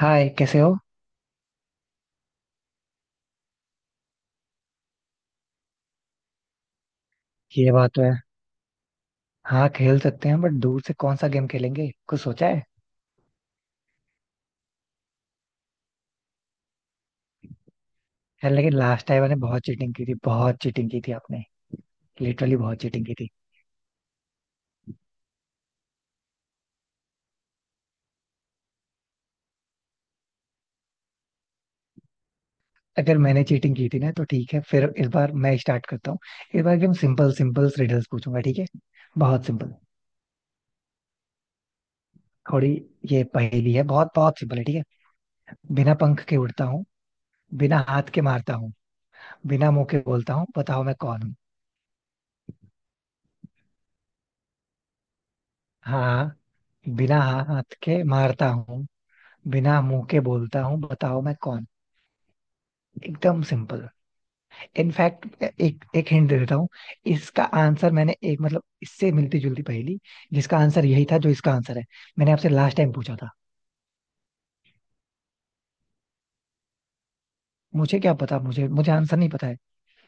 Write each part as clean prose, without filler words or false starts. हाय, कैसे हो। ये बात तो है। हाँ, खेल सकते हैं, बट दूर से कौन सा गेम खेलेंगे, कुछ सोचा है। यार लेकिन लास्ट टाइम मैंने बहुत चीटिंग की थी, बहुत चीटिंग की थी आपने। लिटरली बहुत चीटिंग की थी। अगर मैंने चीटिंग की थी ना, तो ठीक है, फिर इस बार मैं स्टार्ट करता हूँ। इस बार एकदम सिंपल सिंपल रिडल्स पूछूंगा, ठीक है। बहुत सिंपल। थोड़ी। ये पहेली है, बहुत बहुत सिंपल है, ठीक है। बिना पंख के उड़ता हूँ, बिना हाथ के मारता हूँ, बिना मुंह के बोलता हूँ, बताओ मैं कौन हूँ। हाँ, बिना हाथ के मारता हूँ, बिना मुंह के बोलता हूँ, बताओ मैं कौन। एकदम सिंपल। इनफैक्ट एक एक हिंट दे देता हूँ। इसका आंसर मैंने एक, मतलब, इससे मिलती जुलती पहेली जिसका आंसर यही था जो इसका आंसर है, मैंने आपसे लास्ट टाइम पूछा था। मुझे क्या पता, मुझे मुझे आंसर नहीं पता है।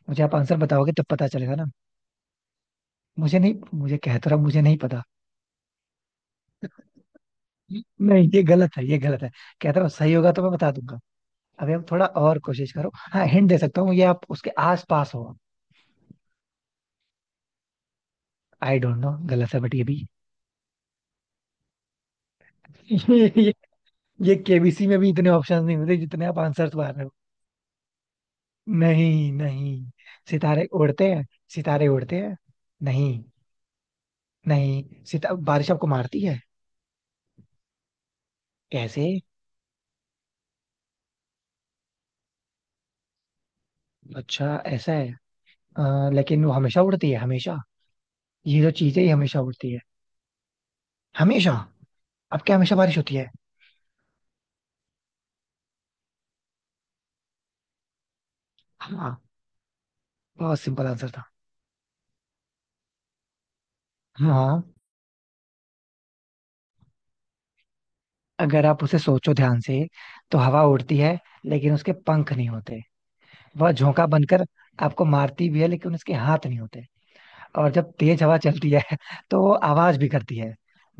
मुझे, आप आंसर बताओगे तब पता चलेगा ना। मुझे नहीं मुझे कहता रहा हूँ, मुझे नहीं पता। नहीं, ये गलत है, ये गलत है। कहता रहा हूँ, सही होगा तो मैं बता दूंगा। अभी आप थोड़ा और कोशिश करो। हाँ, हिंट दे सकता हूँ, ये आप उसके आस पास हो। आई डोंट नो, गलत है, बट ये भी। ये ये केबीसी में भी इतने ऑप्शंस नहीं मिलते जितने आप आंसर्स मार रहे हो। नहीं नहीं, सितारे उड़ते हैं, सितारे उड़ते हैं। नहीं, नहीं, सिता बारिश आपको मारती है। कैसे। अच्छा, ऐसा है। लेकिन वो हमेशा उड़ती है, हमेशा। ये जो चीज है, ये हमेशा उड़ती है, हमेशा। अब क्या हमेशा बारिश होती है। हाँ। बहुत सिंपल आंसर था। हाँ। अगर आप उसे सोचो ध्यान से, तो हवा उड़ती है, लेकिन उसके पंख नहीं होते। वह झोंका बनकर आपको मारती भी है, लेकिन उसके हाथ नहीं होते। और जब तेज हवा चलती है तो वो आवाज भी करती है,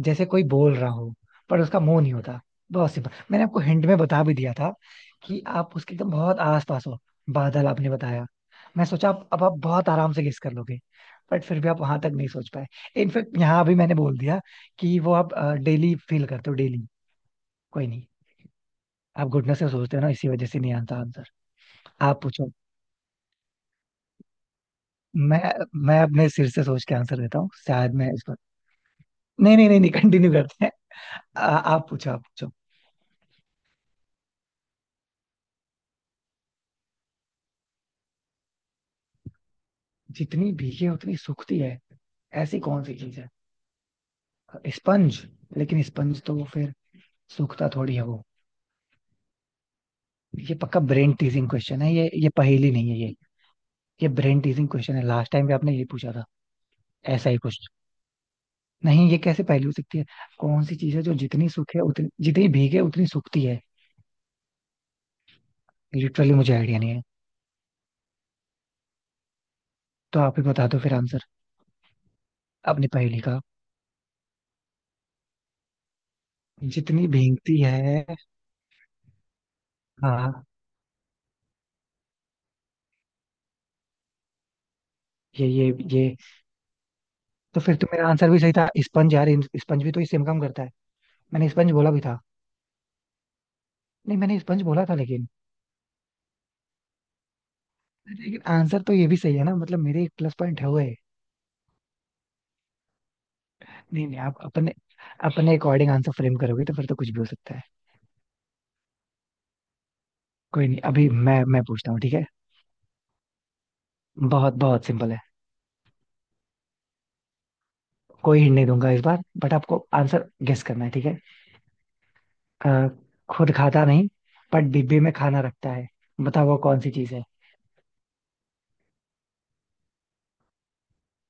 जैसे कोई बोल रहा हो, पर उसका मुंह नहीं होता। बहुत सिंपल, मैंने आपको हिंट में बता भी दिया था कि आप उसके एकदम बहुत आस पास हो। बादल आपने बताया, मैं सोचा आप, अब आप बहुत आराम से गेस कर लोगे, बट फिर भी आप वहां तक नहीं सोच पाए। इनफैक्ट यहाँ भी मैंने बोल दिया कि वो आप डेली फील करते हो, डेली। कोई नहीं। आप गुडनेस से सोचते हो ना, इसी वजह से नहीं आता आंसर। आप पूछो। मैं मैं अपने सिर से सोच के आंसर देता हूँ, शायद मैं इस पर। नहीं नहीं नहीं नहीं, कंटिन्यू करते हैं। आप पूछो, आप पूछो। जितनी भीगे उतनी सूखती है। ऐसी कौन सी चीज है। स्पंज। लेकिन स्पंज तो फिर सूखता थोड़ी है वो। ये पक्का ब्रेन टीजिंग क्वेश्चन है, ये पहेली नहीं है, ये ब्रेन टीजिंग क्वेश्चन है। लास्ट टाइम भी आपने ये पूछा था, ऐसा ही कुछ। नहीं, ये कैसे पहेली हो सकती है। कौन सी चीज है जो जितनी सूखे उतनी, जितनी भीगे उतनी सूखती है। लिटरली मुझे आइडिया नहीं है। तो आप ही बता दो फिर आंसर, अपनी पहेली का। जितनी भीगती है। हाँ। ये ये ये, तो फिर तो मेरा आंसर भी सही था, स्पंज यार। स्पंज भी तो इससे इनकम करता है। मैंने स्पंज बोला भी था। नहीं, मैंने स्पंज बोला था, लेकिन, लेकिन आंसर तो ये भी सही है ना, मतलब मेरे एक प्लस पॉइंट हुए। नहीं नहीं, आप अपने, अपने अकॉर्डिंग आंसर फ्रेम करोगे तो फिर तो कुछ भी हो सकता है। कोई नहीं, अभी मैं पूछता हूँ, ठीक है। बहुत बहुत सिंपल है। कोई हिंट नहीं दूंगा इस बार, बट आपको आंसर गेस करना है, ठीक है। अ, खुद खाता नहीं, पर डिब्बे में खाना रखता है, बताओ वो कौन सी चीज है।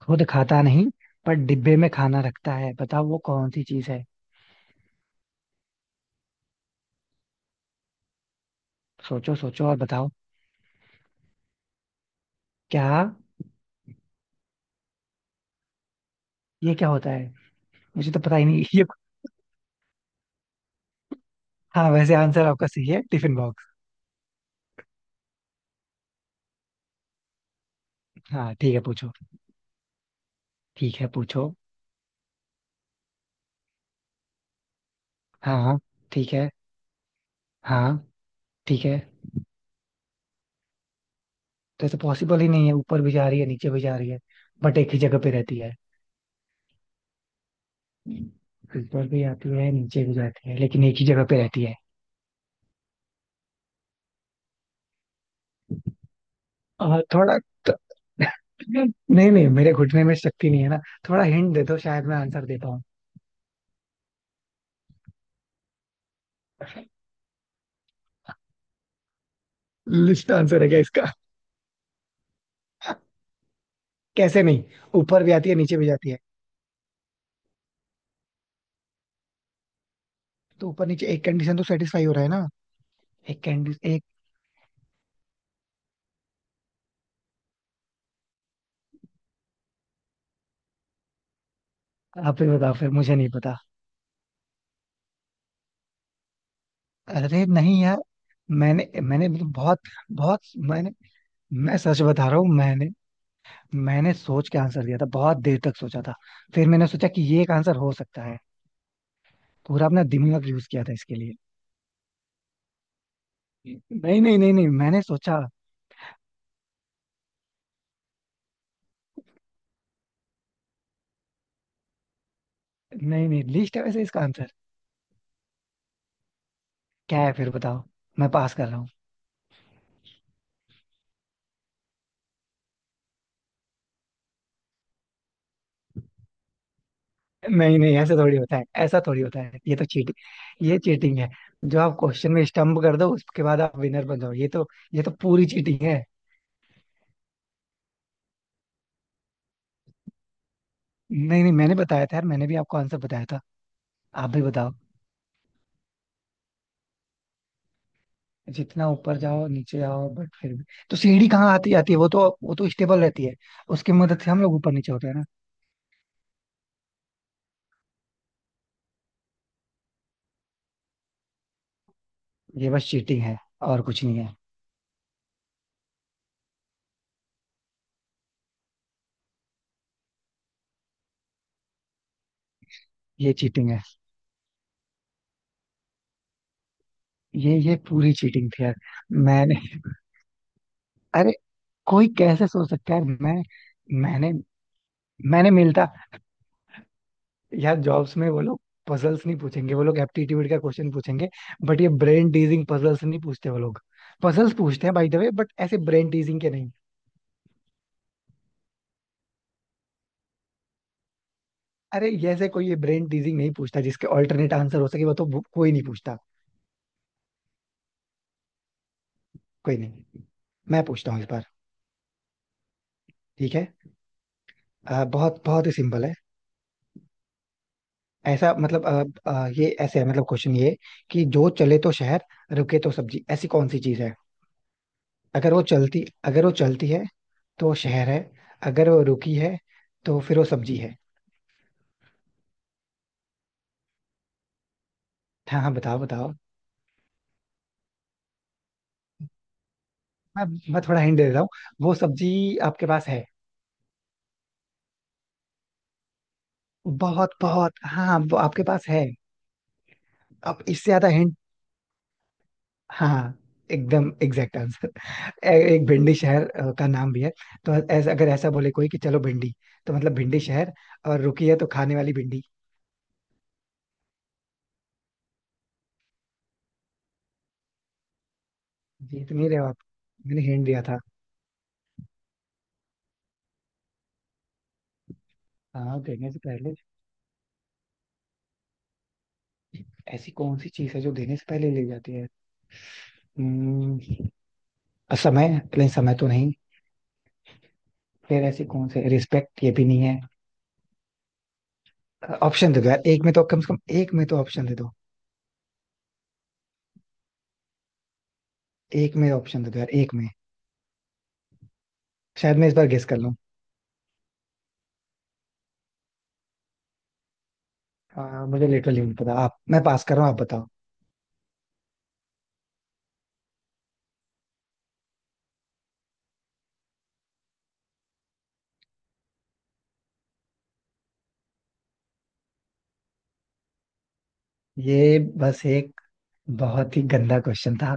खुद खाता नहीं, पर डिब्बे में खाना रखता है, बताओ वो कौन सी चीज है। सोचो सोचो और बताओ। क्या। ये क्या होता है। मुझे तो पता ही नहीं ये। हाँ, वैसे आंसर आपका सही है, टिफिन बॉक्स। हाँ, ठीक है, पूछो। ठीक है, पूछो। हाँ हाँ, ठीक है। हाँ। ठीक है। तो ऐसे पॉसिबल ही नहीं है, ऊपर भी जा रही है, नीचे भी जा रही है, बट एक ही जगह पे रहती है। ऊपर भी आती है, नीचे भी जाती है, लेकिन एक ही जगह पे रहती है। और थोड़ा। तो- नहीं नहीं, मेरे घुटने में शक्ति नहीं है ना। थोड़ा हिंट दे दो, शायद मैं आंसर दे पाऊँ। लिस्ट आंसर है क्या इसका। कैसे नहीं, ऊपर भी आती है, नीचे भी जाती है। तो ऊपर नीचे एक कंडीशन तो सेटिस्फाई हो रहा है ना। एक कैंडी एक। आप ही बताओ, फिर मुझे नहीं पता। अरे नहीं यार, मैंने मैंने मतलब बहुत, बहुत, मैंने, मैं सच बता रहा हूँ, मैंने, मैंने सोच के आंसर दिया था, बहुत देर तक सोचा था। फिर मैंने सोचा कि ये एक आंसर हो सकता है। पूरा अपना दिमाग यूज किया था इसके लिए। नहीं नहीं नहीं नहीं, मैंने सोचा। नहीं नहीं, लिस्ट है वैसे इसका आंसर। क्या है फिर बताओ, मैं पास कर रहा हूँ। नहीं नहीं, ऐसा थोड़ी होता है, ऐसा थोड़ी होता है, ये तो चीटिंग, ये चीटिंग है। जो आप क्वेश्चन में स्टम्प कर दो, उसके बाद आप विनर बन जाओ, ये तो, ये तो पूरी चीटिंग है। नहीं नहीं, मैंने बताया था यार, मैंने भी आपको आंसर बताया था। आप भी बताओ। जितना ऊपर जाओ नीचे आओ, बट फिर भी तो सीढ़ी कहाँ आती, आती है, वो तो, वो तो स्टेबल रहती है। उसकी मदद से हम लोग ऊपर नीचे होते हैं ना। ये बस चीटिंग है, और कुछ नहीं है। ये चीटिंग है। ये पूरी चीटिंग थी यार। मैंने। अरे, कोई कैसे सोच सकता है यार। मैं, मैंने, मैंने मिलता। यार जॉब्स में वो लोग पजल्स नहीं पूछेंगे, वो लोग एप्टीट्यूड का क्वेश्चन पूछेंगे। बट ये ब्रेन टीजिंग पजल्स नहीं पूछते वो लोग। पजल्स पूछते हैं बाय द वे, बट ऐसे ब्रेन टीजिंग के नहीं। अरे जैसे कोई ये ब्रेन टीजिंग नहीं पूछता जिसके ऑल्टरनेट आंसर हो सके, कोई नहीं पूछता। कोई नहीं, मैं पूछता हूँ इस बार, ठीक है। बहुत बहुत ही सिंपल है। ऐसा, मतलब, ये ऐसे है, मतलब क्वेश्चन ये कि जो चले तो शहर, रुके तो सब्जी, ऐसी कौन सी चीज है। अगर वो चलती है तो वो शहर है, अगर वो रुकी है तो फिर वो सब्जी है। हाँ हाँ, बताओ बताओ। मैं मैं थोड़ा हिंट दे देता हूँ। वो सब्जी आपके पास है। बहुत बहुत, हाँ, वो आपके पास है। अब इससे ज्यादा हिंट। हाँ, एकदम एग्जैक्ट आंसर। एक भिंडी शहर का नाम भी है। तो ऐसा, अगर ऐसा बोले कोई कि चलो भिंडी, तो मतलब भिंडी शहर, और रुकी है तो खाने वाली भिंडी। जीत नहीं रहे हो आप, मैंने हिंट दिया था। हाँ, देने से पहले। ऐसी कौन सी चीज है जो देने से पहले ले जाती है। हम्म, समय। नहीं, समय तो नहीं। फिर ऐसी कौन सी, रिस्पेक्ट, ये भी नहीं है। ऑप्शन दे दो यार, एक में तो कम से कम, एक में तो ऑप्शन दे दो। एक में ऑप्शन दे दो यार, एक में। शायद मैं इस बार गेस कर लूं। मुझे लिटरली नहीं पता आप, मैं पास कर रहा हूँ, आप बताओ। ये बस एक बहुत ही गंदा क्वेश्चन था,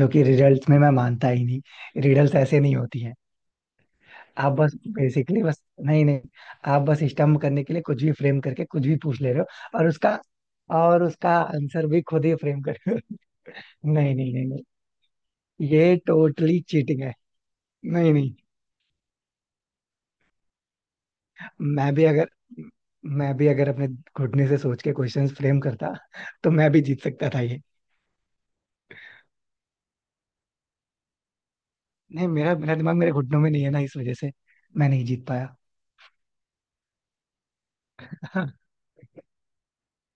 जो कि रिडल्स में मैं मानता ही नहीं, रिडल्स ऐसे नहीं होती हैं। आप बस बेसिकली बस, नहीं नहीं, आप बस स्टम्प करने के लिए कुछ भी फ्रेम करके कुछ भी पूछ ले रहे हो, और उसका आंसर भी खुद ही फ्रेम कर रहे हो। नहीं नहीं नहीं नहीं, ये टोटली चीटिंग है। नहीं नहीं, मैं भी अगर मैं भी अगर अपने घुटने से सोच के क्वेश्चंस फ्रेम करता, तो मैं भी जीत सकता था। ये नहीं, मेरा मेरा दिमाग मेरे घुटनों में नहीं है ना, इस वजह से मैं नहीं जीत पाया।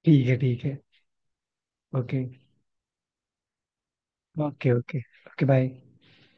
ठीक है, ठीक है। Okay okay. Okay, okay, bye.